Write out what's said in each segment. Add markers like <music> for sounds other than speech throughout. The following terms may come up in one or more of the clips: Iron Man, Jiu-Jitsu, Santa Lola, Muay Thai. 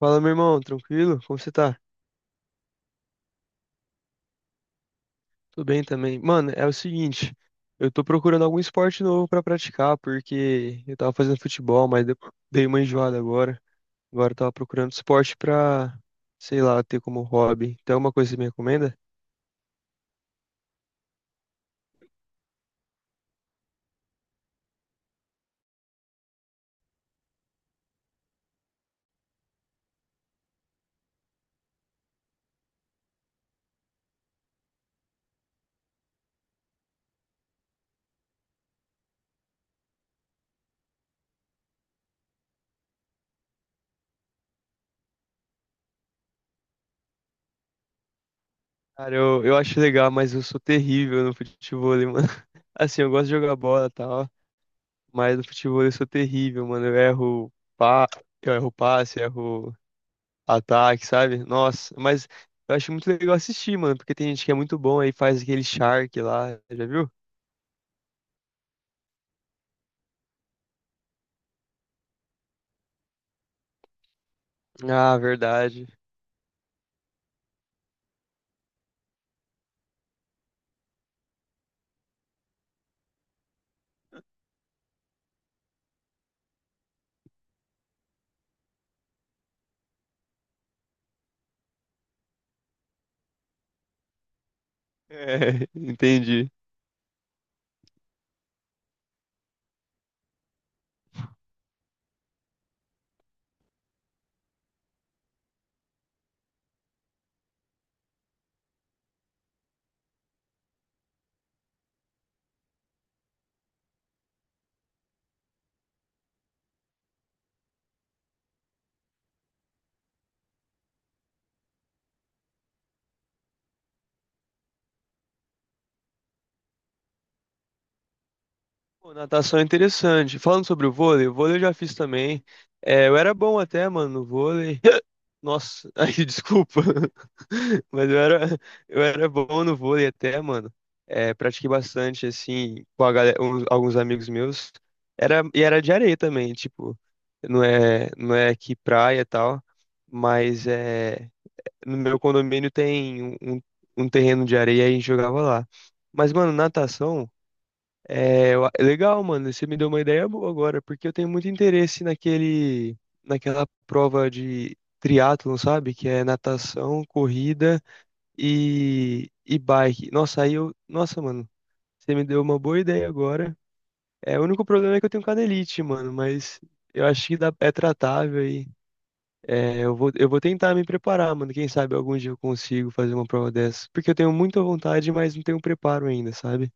Fala, meu irmão, tranquilo? Como você tá? Tudo bem também. Mano, é o seguinte, eu tô procurando algum esporte novo pra praticar, porque eu tava fazendo futebol, mas dei uma enjoada agora. Agora eu tava procurando esporte pra, sei lá, ter como hobby. Tem alguma coisa que você me recomenda? Cara, eu acho legal, mas eu sou terrível no futebol, mano. <laughs> Assim, eu gosto de jogar bola e tal, mas no futebol eu sou terrível, mano. Eu erro passe, erro. Ataque, sabe? Nossa, mas eu acho muito legal assistir, mano, porque tem gente que é muito bom aí faz aquele Shark lá, já viu? Ah, verdade. É, <laughs> Entendi. Pô, natação é interessante. Falando sobre o vôlei eu já fiz também. É, eu era bom até, mano, no vôlei. Nossa, aí <laughs> desculpa. <laughs> Mas eu era bom no vôlei até, mano. É, pratiquei bastante, assim, com a galera, alguns amigos meus. Era, e era de areia também, tipo, não é, não é aqui praia e tal, mas é, no meu condomínio tem um, um terreno de areia e a gente jogava lá. Mas, mano, natação. É, eu legal, mano. Você me deu uma ideia boa agora, porque eu tenho muito interesse naquele, naquela prova de triatlon, sabe? Que é natação, corrida e bike. Nossa, aí eu. Nossa, mano, você me deu uma boa ideia agora. É, o único problema é que eu tenho canelite, mano, mas eu acho que dá, é tratável aí. É, eu vou tentar me preparar, mano. Quem sabe algum dia eu consigo fazer uma prova dessa. Porque eu tenho muita vontade, mas não tenho preparo ainda, sabe?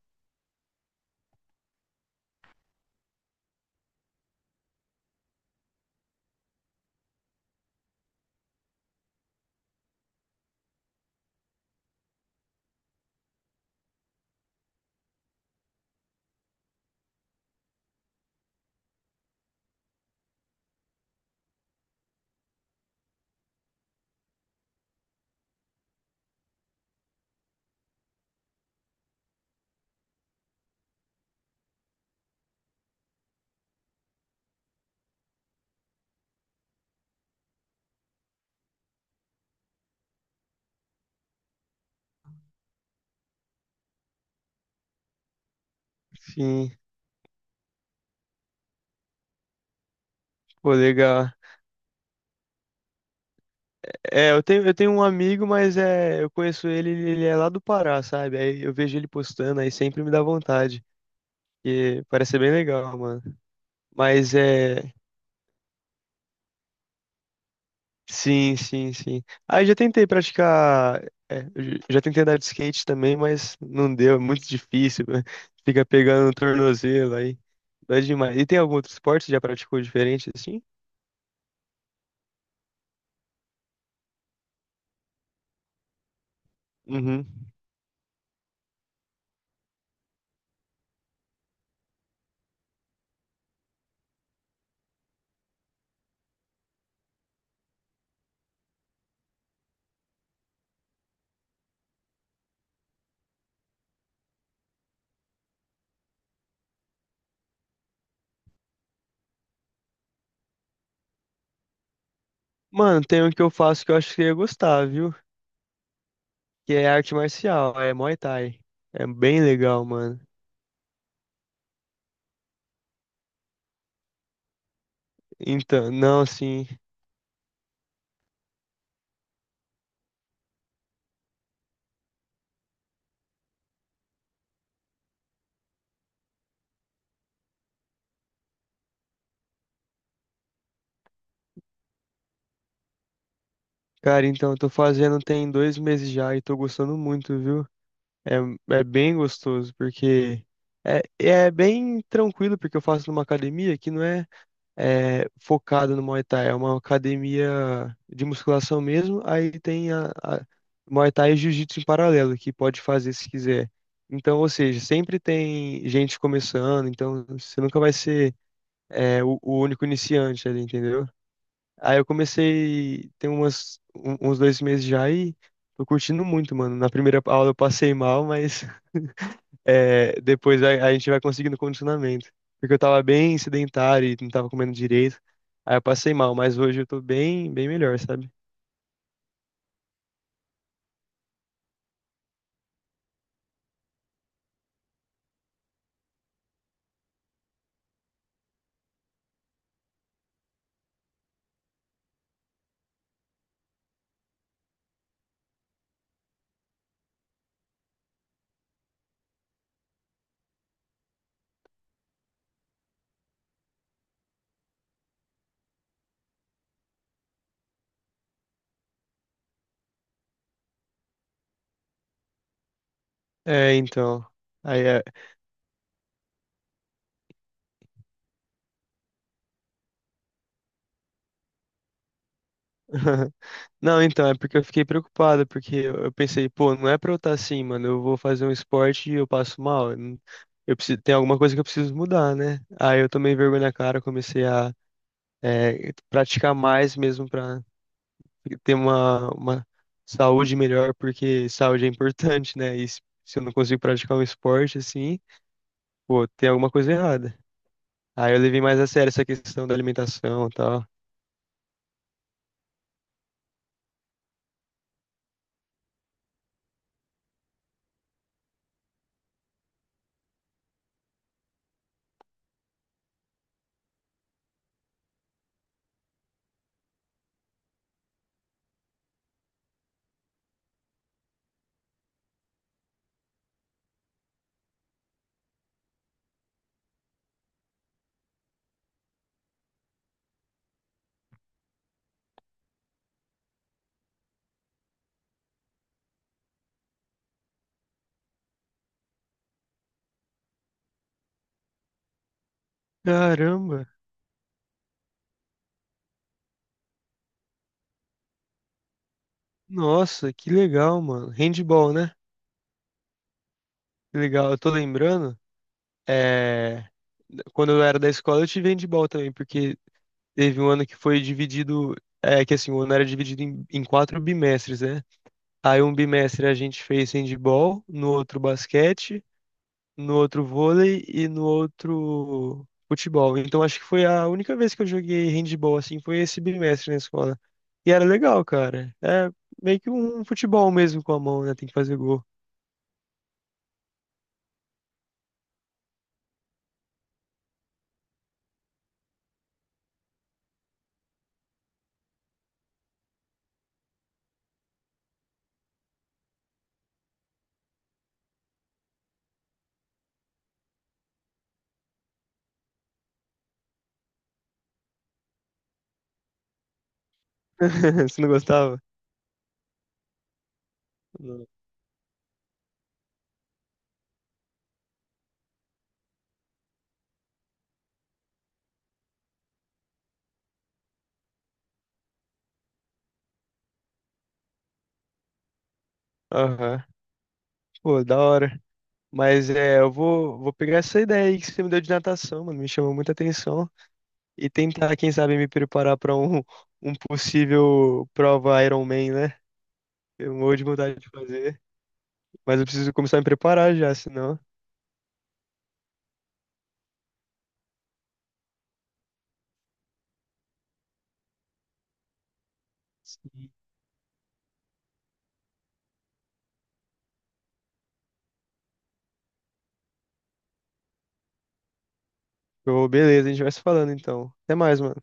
Sim, pô, legal. É, eu tenho um amigo, mas é, eu conheço ele, ele é lá do Pará, sabe? Aí eu vejo ele postando, aí sempre me dá vontade. E parece ser bem legal, mano. Mas é. Sim, sim, sim. Aí já tentei praticar. É, já tentei andar de skate também, mas não deu, é muito difícil, né? <laughs> Fica pegando o tornozelo aí. Dói demais. E tem algum outro esporte que já praticou diferente assim? Uhum. Mano, tem um que eu faço que eu acho que eu ia gostar, viu? Que é arte marcial, é Muay Thai. É bem legal, mano. Então, não, assim, cara, então eu tô fazendo tem 2 meses já e tô gostando muito, viu? É, é bem gostoso, porque é, é bem tranquilo, porque eu faço numa academia que não é, é focada no Muay Thai, é uma academia de musculação mesmo, aí tem a Muay Thai e Jiu-Jitsu em paralelo, que pode fazer se quiser. Então, ou seja, sempre tem gente começando, então você nunca vai ser é, o único iniciante ali, entendeu? Aí eu comecei, tem umas, uns 2 meses já e tô curtindo muito, mano. Na primeira aula eu passei mal, mas <laughs> é, depois a gente vai conseguindo condicionamento. Porque eu tava bem sedentário e não tava comendo direito. Aí eu passei mal, mas hoje eu tô bem, bem melhor, sabe? É, então. Aí é. <laughs> Não, então, é porque eu fiquei preocupado, porque eu pensei, pô, não é pra eu estar assim, mano, eu vou fazer um esporte e eu passo mal. Eu não- Eu preciso, tem alguma coisa que eu preciso mudar, né? Aí eu tomei vergonha na cara, comecei a é, praticar mais mesmo para ter uma saúde melhor, porque saúde é importante, né? E se eu não consigo praticar um esporte assim, pô, tem alguma coisa errada. Aí eu levei mais a sério essa questão da alimentação e tal. Caramba! Nossa, que legal, mano. Handball, né? Que legal, eu tô lembrando. É... Quando eu era da escola, eu tive handball também, porque teve um ano que foi dividido. É que assim, o ano era dividido em, em 4 bimestres, né? Aí um bimestre a gente fez handball, no outro basquete, no outro vôlei e no outro futebol. Então acho que foi a única vez que eu joguei handball assim, foi esse bimestre na escola. E era legal, cara. É meio que um futebol mesmo com a mão, né? Tem que fazer gol. <laughs> Você não gostava? Não. Aham. Pô, da hora. Mas é, eu vou pegar essa ideia aí que você me deu de natação, mano. Me chamou muita atenção. E tentar, quem sabe, me preparar para um, um possível prova Iron Man, né? Eu morro de vontade de fazer, mas eu preciso começar a me preparar já, senão. Sim. Eu, beleza, a gente vai se falando então. Até mais, mano.